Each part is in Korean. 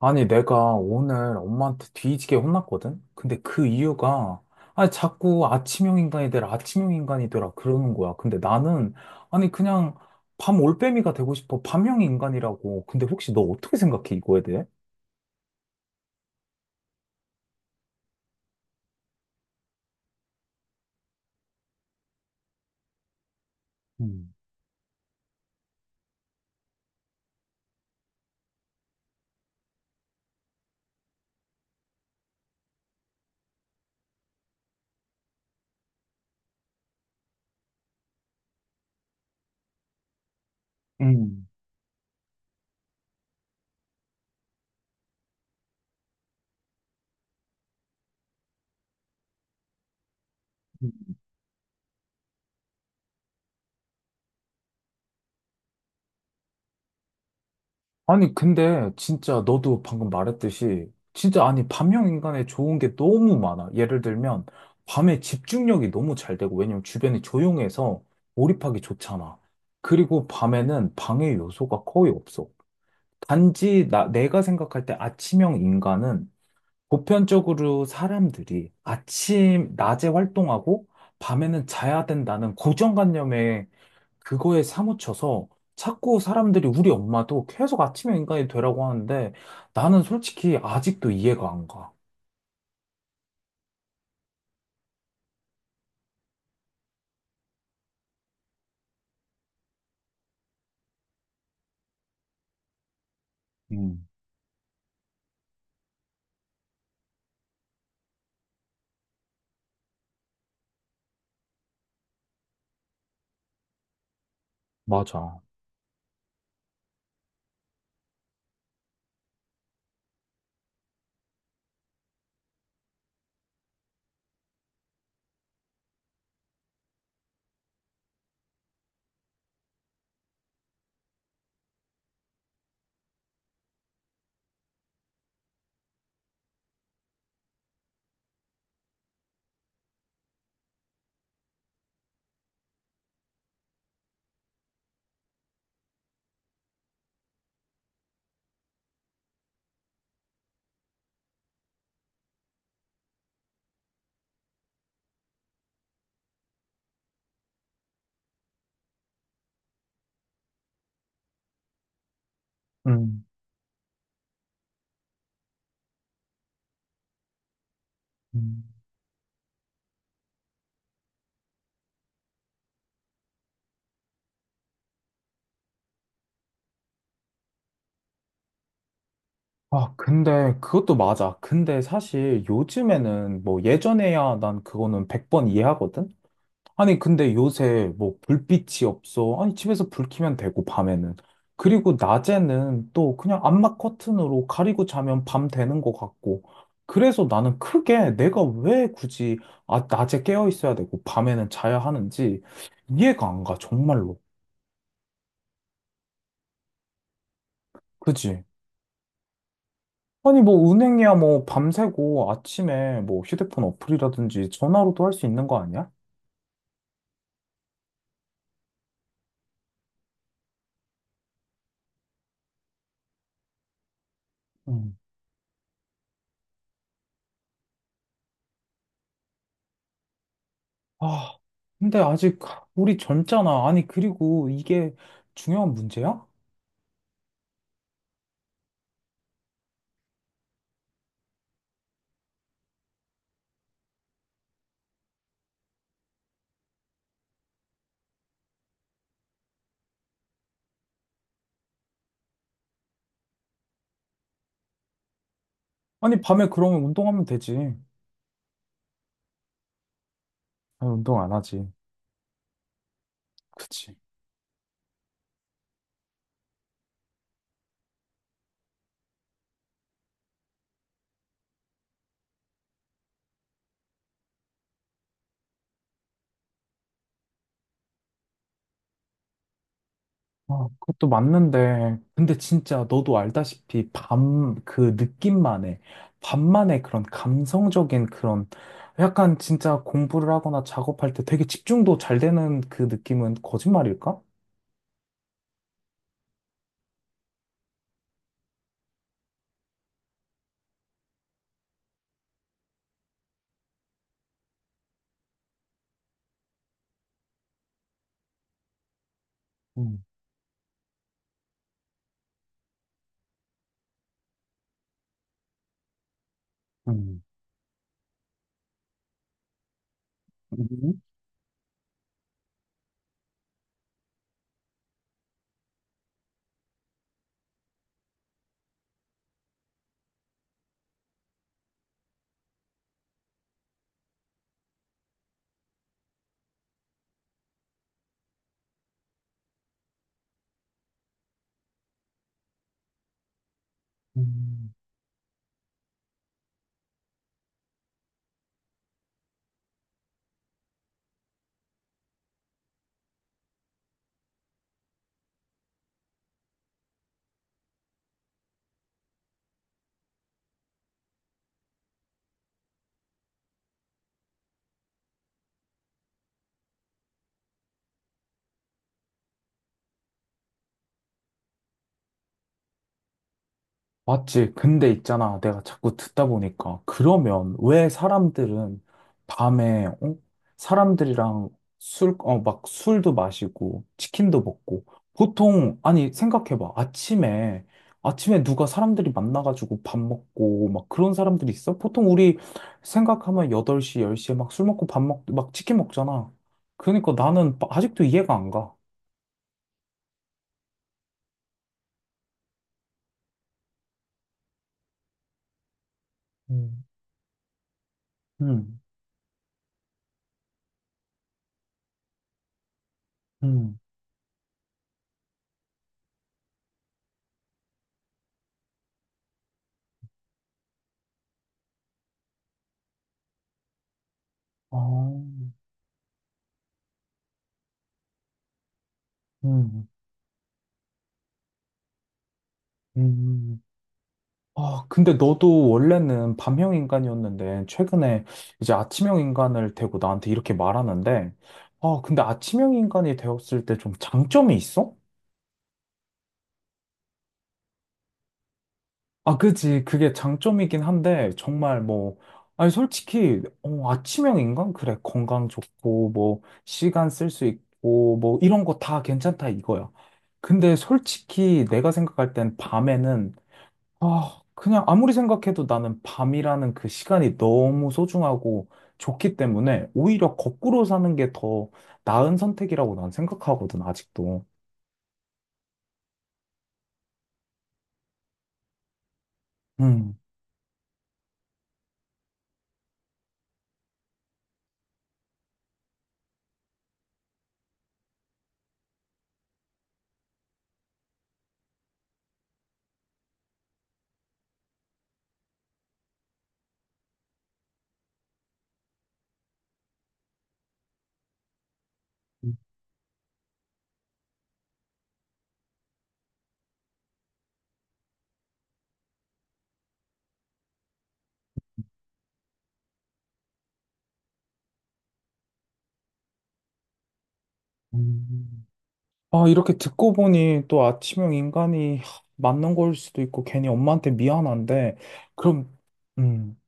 아니, 내가 오늘 엄마한테 뒤지게 혼났거든? 근데 그 이유가, 아니, 자꾸 아침형 인간이 되라, 아침형 인간이 되라, 그러는 거야. 근데 나는, 아니, 그냥 밤 올빼미가 되고 싶어. 밤형 인간이라고. 근데 혹시 너 어떻게 생각해, 이거에 대해? 음. 음. 아니, 근데 진짜 너도 방금 말했듯이 진짜 아니, 밤형 인간의 좋은 게 너무 많아. 예를 들면 밤에 집중력이 너무 잘 되고 왜냐면 주변이 조용해서 몰입하기 좋잖아. 그리고 밤에는 방해 요소가 거의 없어. 단지 나, 내가 생각할 때 아침형 인간은 보편적으로 사람들이 아침, 낮에 활동하고 밤에는 자야 된다는 고정관념에 그거에 사무쳐서 자꾸 사람들이 우리 엄마도 계속 아침형 인간이 되라고 하는데 나는 솔직히 아직도 이해가 안 가. 음, 맞아. 음. 음, 아, 근데 그것도 맞아. 근데 사실 요즘에는 뭐 예전에야 난 그거는 100번 이해하거든? 아니, 근데 요새 뭐 불빛이 없어. 아니, 집에서 불 켜면 되고, 밤에는. 그리고 낮에는 또 그냥 암막 커튼으로 가리고 자면 밤 되는 것 같고. 그래서 나는 크게 내가 왜 굳이 아, 낮에 깨어 있어야 되고, 밤에는 자야 하는지 이해가 안 가, 정말로. 그지? 아니, 뭐 은행이야 뭐 밤새고 아침에 뭐 휴대폰 어플이라든지 전화로도 할 수 있는 거 아니야? 아, 근데 아직 우리 젊잖아. 아니, 그리고 이게 중요한 문제야? 아니, 밤에 그러면 운동하면 되지. 아니, 운동 안 하지. 그치. 아, 그것도 맞는데. 근데 진짜 너도 알다시피 밤 그 느낌만의, 밤만의 그런 감성적인 그런 약간 진짜 공부를 하거나 작업할 때 되게 집중도 잘 되는 그 느낌은 거짓말일까? 음, 음, 음. 음. 맞지. 근데 있잖아. 내가 자꾸 듣다 보니까. 그러면 왜 사람들은 밤에, 어? 사람들이랑 술, 어, 막 술도 마시고, 치킨도 먹고. 보통, 아니, 생각해봐. 아침에, 아침에 누가 사람들이 만나가지고 밥 먹고, 막 그런 사람들이 있어? 보통 우리 생각하면 8시, 10시에 막 술 먹고 밥 먹, 막 치킨 먹잖아. 그러니까 나는 아직도 이해가 안 가. 음. 음, 음, 아, 음, 음. 아, 근데 너도 원래는 밤형 인간이었는데, 최근에 이제 아침형 인간을 되고 나한테 이렇게 말하는데, 아, 근데 아침형 인간이 되었을 때 좀 장점이 있어? 아, 그지. 그게 장점이긴 한데, 정말 뭐, 아니, 솔직히, 어, 아침형 인간? 그래. 건강 좋고, 뭐, 시간 쓸 수 있고, 뭐, 이런 거 다 괜찮다 이거야. 근데 솔직히 내가 생각할 땐 밤에는 아, 그냥 아무리 생각해도 나는 밤이라는 그 시간이 너무 소중하고 좋기 때문에 오히려 거꾸로 사는 게 더 나은 선택이라고 난 생각하거든, 아직도. 음. 음. 아, 이렇게 듣고 보니 또 아침형 인간이 하, 맞는 걸 수도 있고 괜히 엄마한테 미안한데, 그럼, 음,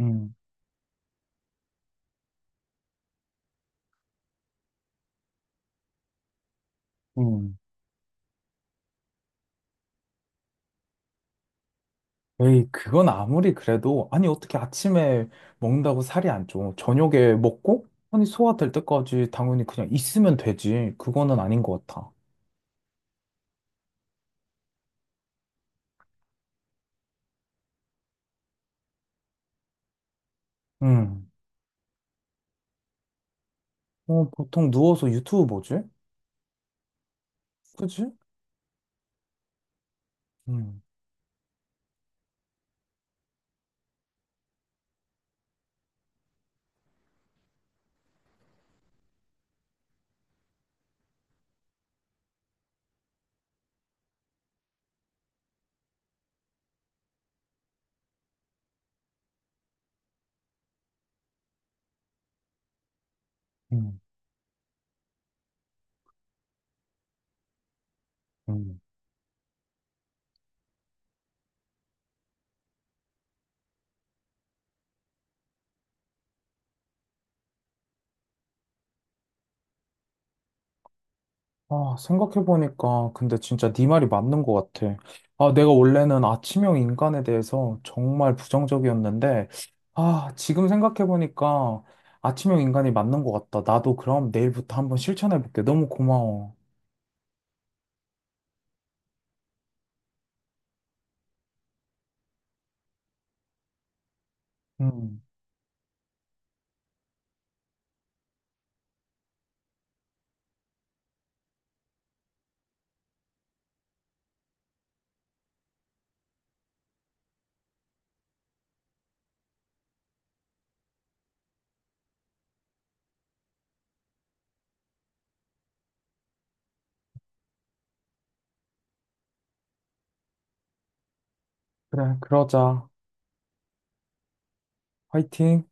음. 음. 에이, 그건 아무리 그래도, 아니, 어떻게 아침에 먹는다고 살이 안 쪄? 저녁에 먹고, 아니, 소화될 때까지 당연히 그냥 있으면 되지. 그거는 아닌 것 같아. 음. 어, 보통 누워서 유튜브 보지? 그지? 음, 음, 음. 아, 생각해보니까, 근데 진짜 네 말이 맞는 것 같아. 아, 내가 원래는 아침형 인간에 대해서 정말 부정적이었는데, 아, 지금 생각해보니까 아침형 인간이 맞는 것 같다. 나도 그럼 내일부터 한번 실천해볼게. 너무 고마워. 음, 그래, 그러자. 화이팅.